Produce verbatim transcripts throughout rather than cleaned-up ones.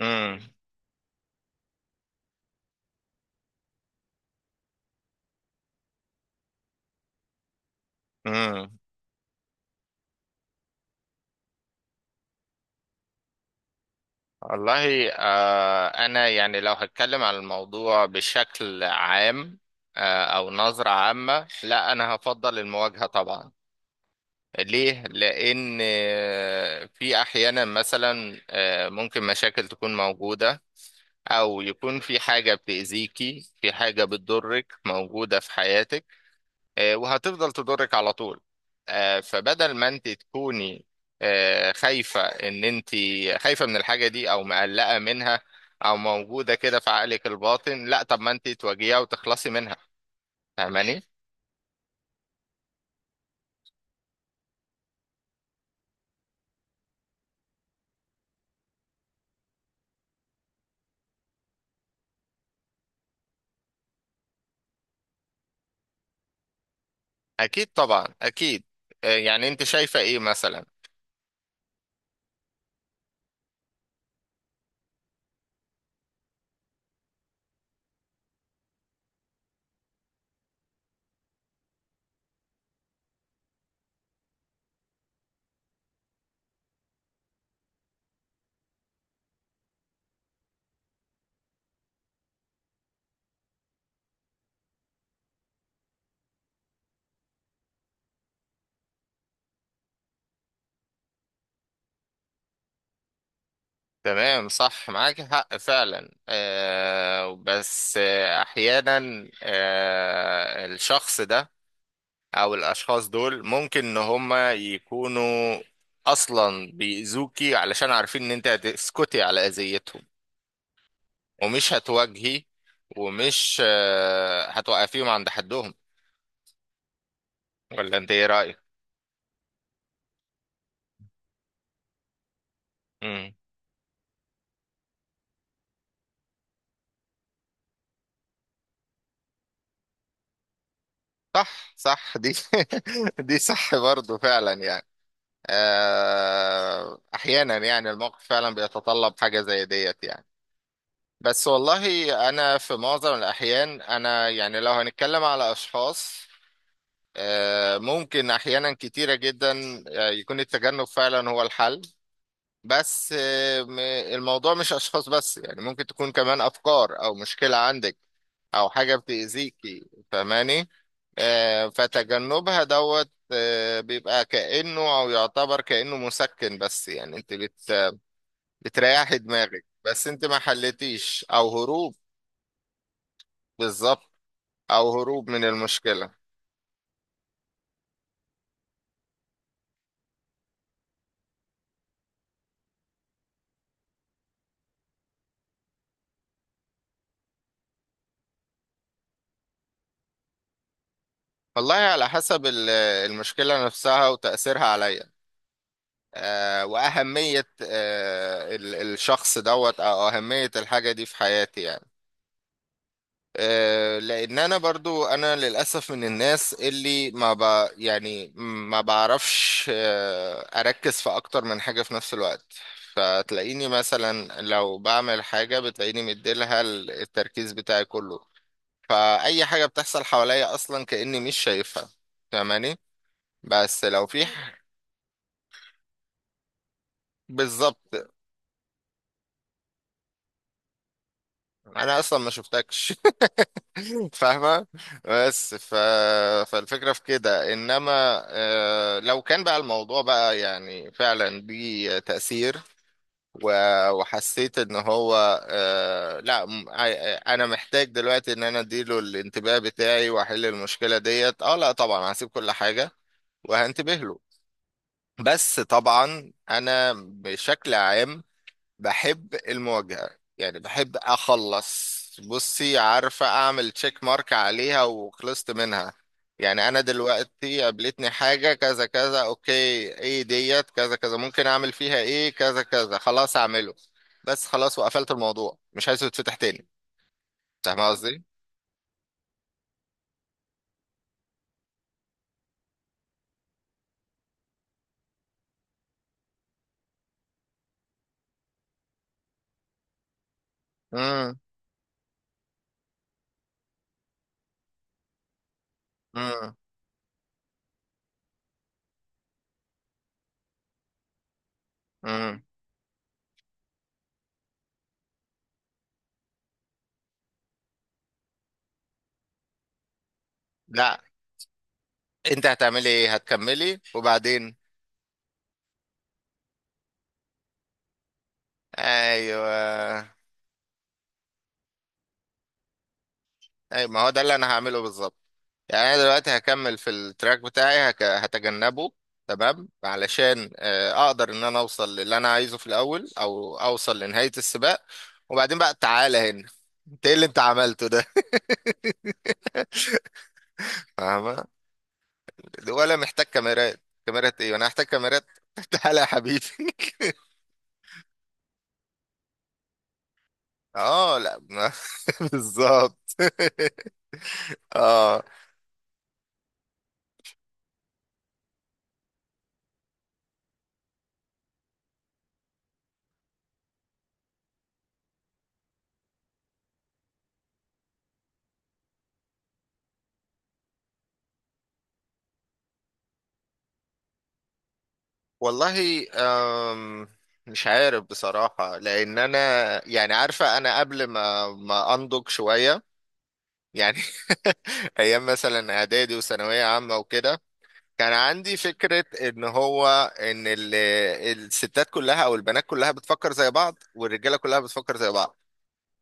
امم امم والله آه انا يعني لو هتكلم عن الموضوع بشكل عام آه او نظرة عامة، لا انا هفضل المواجهة طبعا. ليه؟ لان آه، في احيانا مثلا آه، ممكن مشاكل تكون موجودة او يكون في حاجة بتأذيكي، في حاجة بتضرك موجودة في حياتك آه، وهتفضل تضرك على طول. آه، فبدل ما انت تكوني آه، خايفة ان انت خايفة من الحاجة دي او مقلقة منها او موجودة كده في عقلك الباطن، لا طب ما انت تواجهيها وتخلصي منها. فاهماني؟ اكيد طبعا، اكيد. آه، يعني انت شايفة ايه مثلا؟ تمام، صح، معاك حق فعلا. آه، بس آه، احيانا آه، الشخص ده او الاشخاص دول ممكن ان هما يكونوا اصلا بيأذوكي علشان عارفين ان انت هتسكتي على اذيتهم ومش هتواجهي، ومش آه، هتوقفيهم عند حدهم. ولا انت ايه رأيك؟ امم. صح، صح دي دي صح برضو فعلا يعني. آه، احيانا يعني الموقف فعلا بيتطلب حاجة زي ديت يعني. بس والله انا في معظم الاحيان انا يعني لو هنتكلم على اشخاص، آه، ممكن أحيانا كتيرة جدا آه، يكون التجنب فعلا هو الحل. بس آه، م- الموضوع مش أشخاص بس، يعني ممكن تكون كمان أفكار أو مشكلة عندك أو حاجة بتأذيكي. فاهماني؟ آه، فتجنبها دوت آه، بيبقى كأنه أو يعتبر كأنه مسكن، بس يعني أنت بت بتريحي دماغك بس أنت ما حلتيش، أو هروب. بالظبط، أو هروب من المشكلة. والله على حسب ال- المشكلة نفسها وتأثيرها عليا آه، وأهمية آه، ال- الشخص دوت أو أهمية الحاجة دي في حياتي يعني. آه، لأن أنا برضو أنا للأسف من الناس اللي ما ب يعني ما بعرفش آه، أركز في أكتر من حاجة في نفس الوقت. فتلاقيني مثلا لو بعمل حاجة بتلاقيني مديلها ال- التركيز بتاعي كله، فأي حاجة بتحصل حواليا أصلا كأني مش شايفها. فاهماني؟ بس لو في ح- بالظبط، أنا أصلا ما شفتكش. فاهمة؟ بس ف... فالفكرة في كده إنما آه، لو كان بقى الموضوع بقى يعني فعلا ليه تأثير و- وحسيت إن هو آه، لا م- ع- أنا محتاج دلوقتي إن أنا أديله الانتباه بتاعي وأحل المشكلة ديت، أه لا طبعا هسيب كل حاجة وهنتبه له. بس طبعا أنا بشكل عام بحب المواجهة. يعني بحب أخلص، بصي عارفة، أعمل تشيك مارك عليها وخلصت منها. يعني أنا دلوقتي قابلتني حاجة كذا كذا، أوكي إيه ديت؟ كذا كذا. ممكن أعمل فيها إيه؟ كذا كذا. خلاص أعمله، بس خلاص، وقفلت الموضوع مش عايزه يتفتح تاني. فاهم قصدي؟ امم امم امم لا. أنت هتعملي إيه؟ هتكملي وبعدين. أيوه. أي ما هو ده اللي أنا هعمله بالظبط. يعني انا دلوقتي هكمل في التراك بتاعي، هك... هتجنبه تمام علشان آه، اقدر ان انا اوصل للي انا عايزه في الاول او اوصل لنهاية السباق، وبعدين بقى تعالى هنا انت ايه اللي انت عملته ده. فاهمة؟ ولا محتاج كاميرات. كاميرات ايه، انا هحتاج كاميرات؟ تعالى يا حبيبي. اه لا ما- بالظبط. اه. والله أم، مش عارف بصراحة لأن أنا يعني، عارفة، أنا قبل ما ما أنضج شوية يعني ايام مثلا اعدادي وثانويه عامه وكده، كان عندي فكره ان هو ان ال- الستات كلها او البنات كلها بتفكر زي بعض والرجاله كلها بتفكر زي بعض.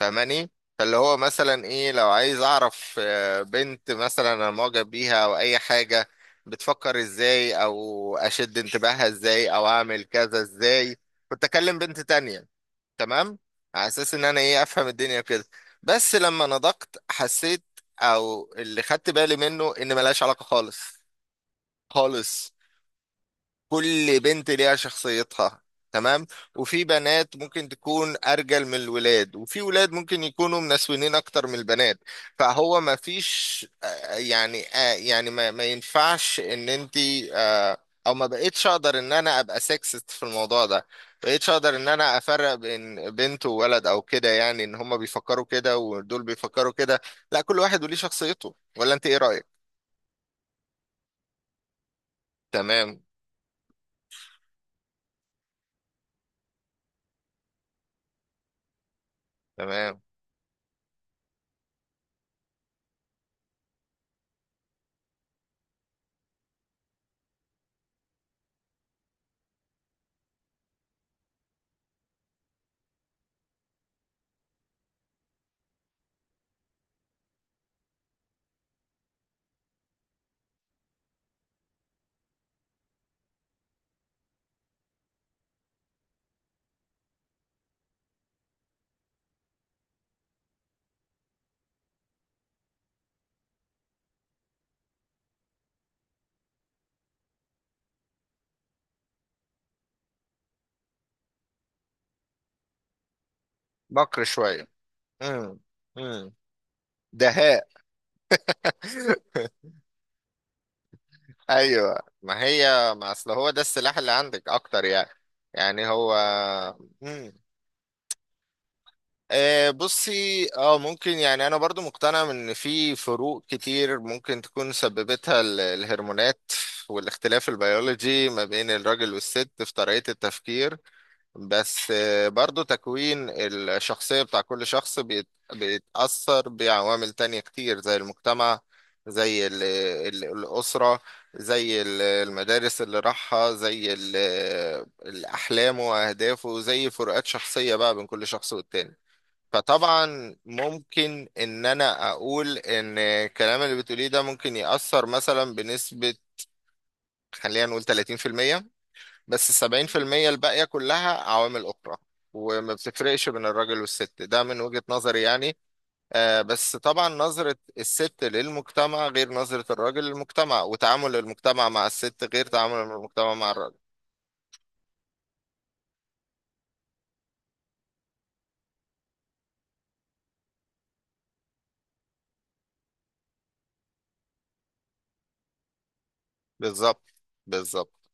فاهماني؟ فاللي هو مثلا ايه، لو عايز اعرف آه، بنت مثلا انا معجب بيها او اي حاجه، بتفكر ازاي او اشد انتباهها ازاي او اعمل كذا ازاي، كنت اكلم بنت تانية، تمام، على اساس ان انا ايه افهم الدنيا كده. بس لما نضقت حسيت، او اللي خدت بالي منه، ان ملهاش علاقة خالص خالص. كل بنت ليها شخصيتها، تمام، وفي بنات ممكن تكون ارجل من الولاد، وفي ولاد ممكن يكونوا منسوينين اكتر من البنات. فهو ما فيش آه، يعني آه، يعني ما, ما ينفعش ان انت آه، او ما بقيتش اقدر ان انا ابقى سكسست في الموضوع ده. بقيتش اقدر ان انا افرق بين بنت وولد او كده، يعني ان هما بيفكروا كده ودول بيفكروا كده. لا، كل واحد وليه شخصيته. ولا انت ايه رأيك؟ تمام. تمام. بكر شوية. امم. دهاء. ايوه، ما هي ما اصل هو ده السلاح اللي عندك اكتر يعني. يعني هو مم. آه، بصي، اه ممكن، يعني انا برضو مقتنع ان في فروق كتير ممكن تكون سببتها ال- الهرمونات والاختلاف البيولوجي ما بين الراجل والست في طريقة التفكير. بس آه، برضو تكوين الشخصية بتاع كل شخص بيت- بيتأثر بعوامل تانية كتير زي المجتمع، زي ال- ال- الأسرة، زي ال- المدارس اللي راحها، زي ال- أحلامه وأهدافه، زي فروقات شخصية بقى بين كل شخص والتاني. فطبعا ممكن ان انا اقول ان الكلام اللي بتقوليه ده ممكن يأثر مثلا بنسبة، خلينا نقول ثلاثين في المية، بس السبعين في المية الباقية كلها عوامل أخرى. وما بتفرقش بين الراجل والست، ده من وجهة نظري يعني. آه بس طبعا نظرة الست للمجتمع غير نظرة الراجل للمجتمع، وتعامل المجتمع مع الست غير تعامل المجتمع مع الراجل. بالظبط. بالظبط.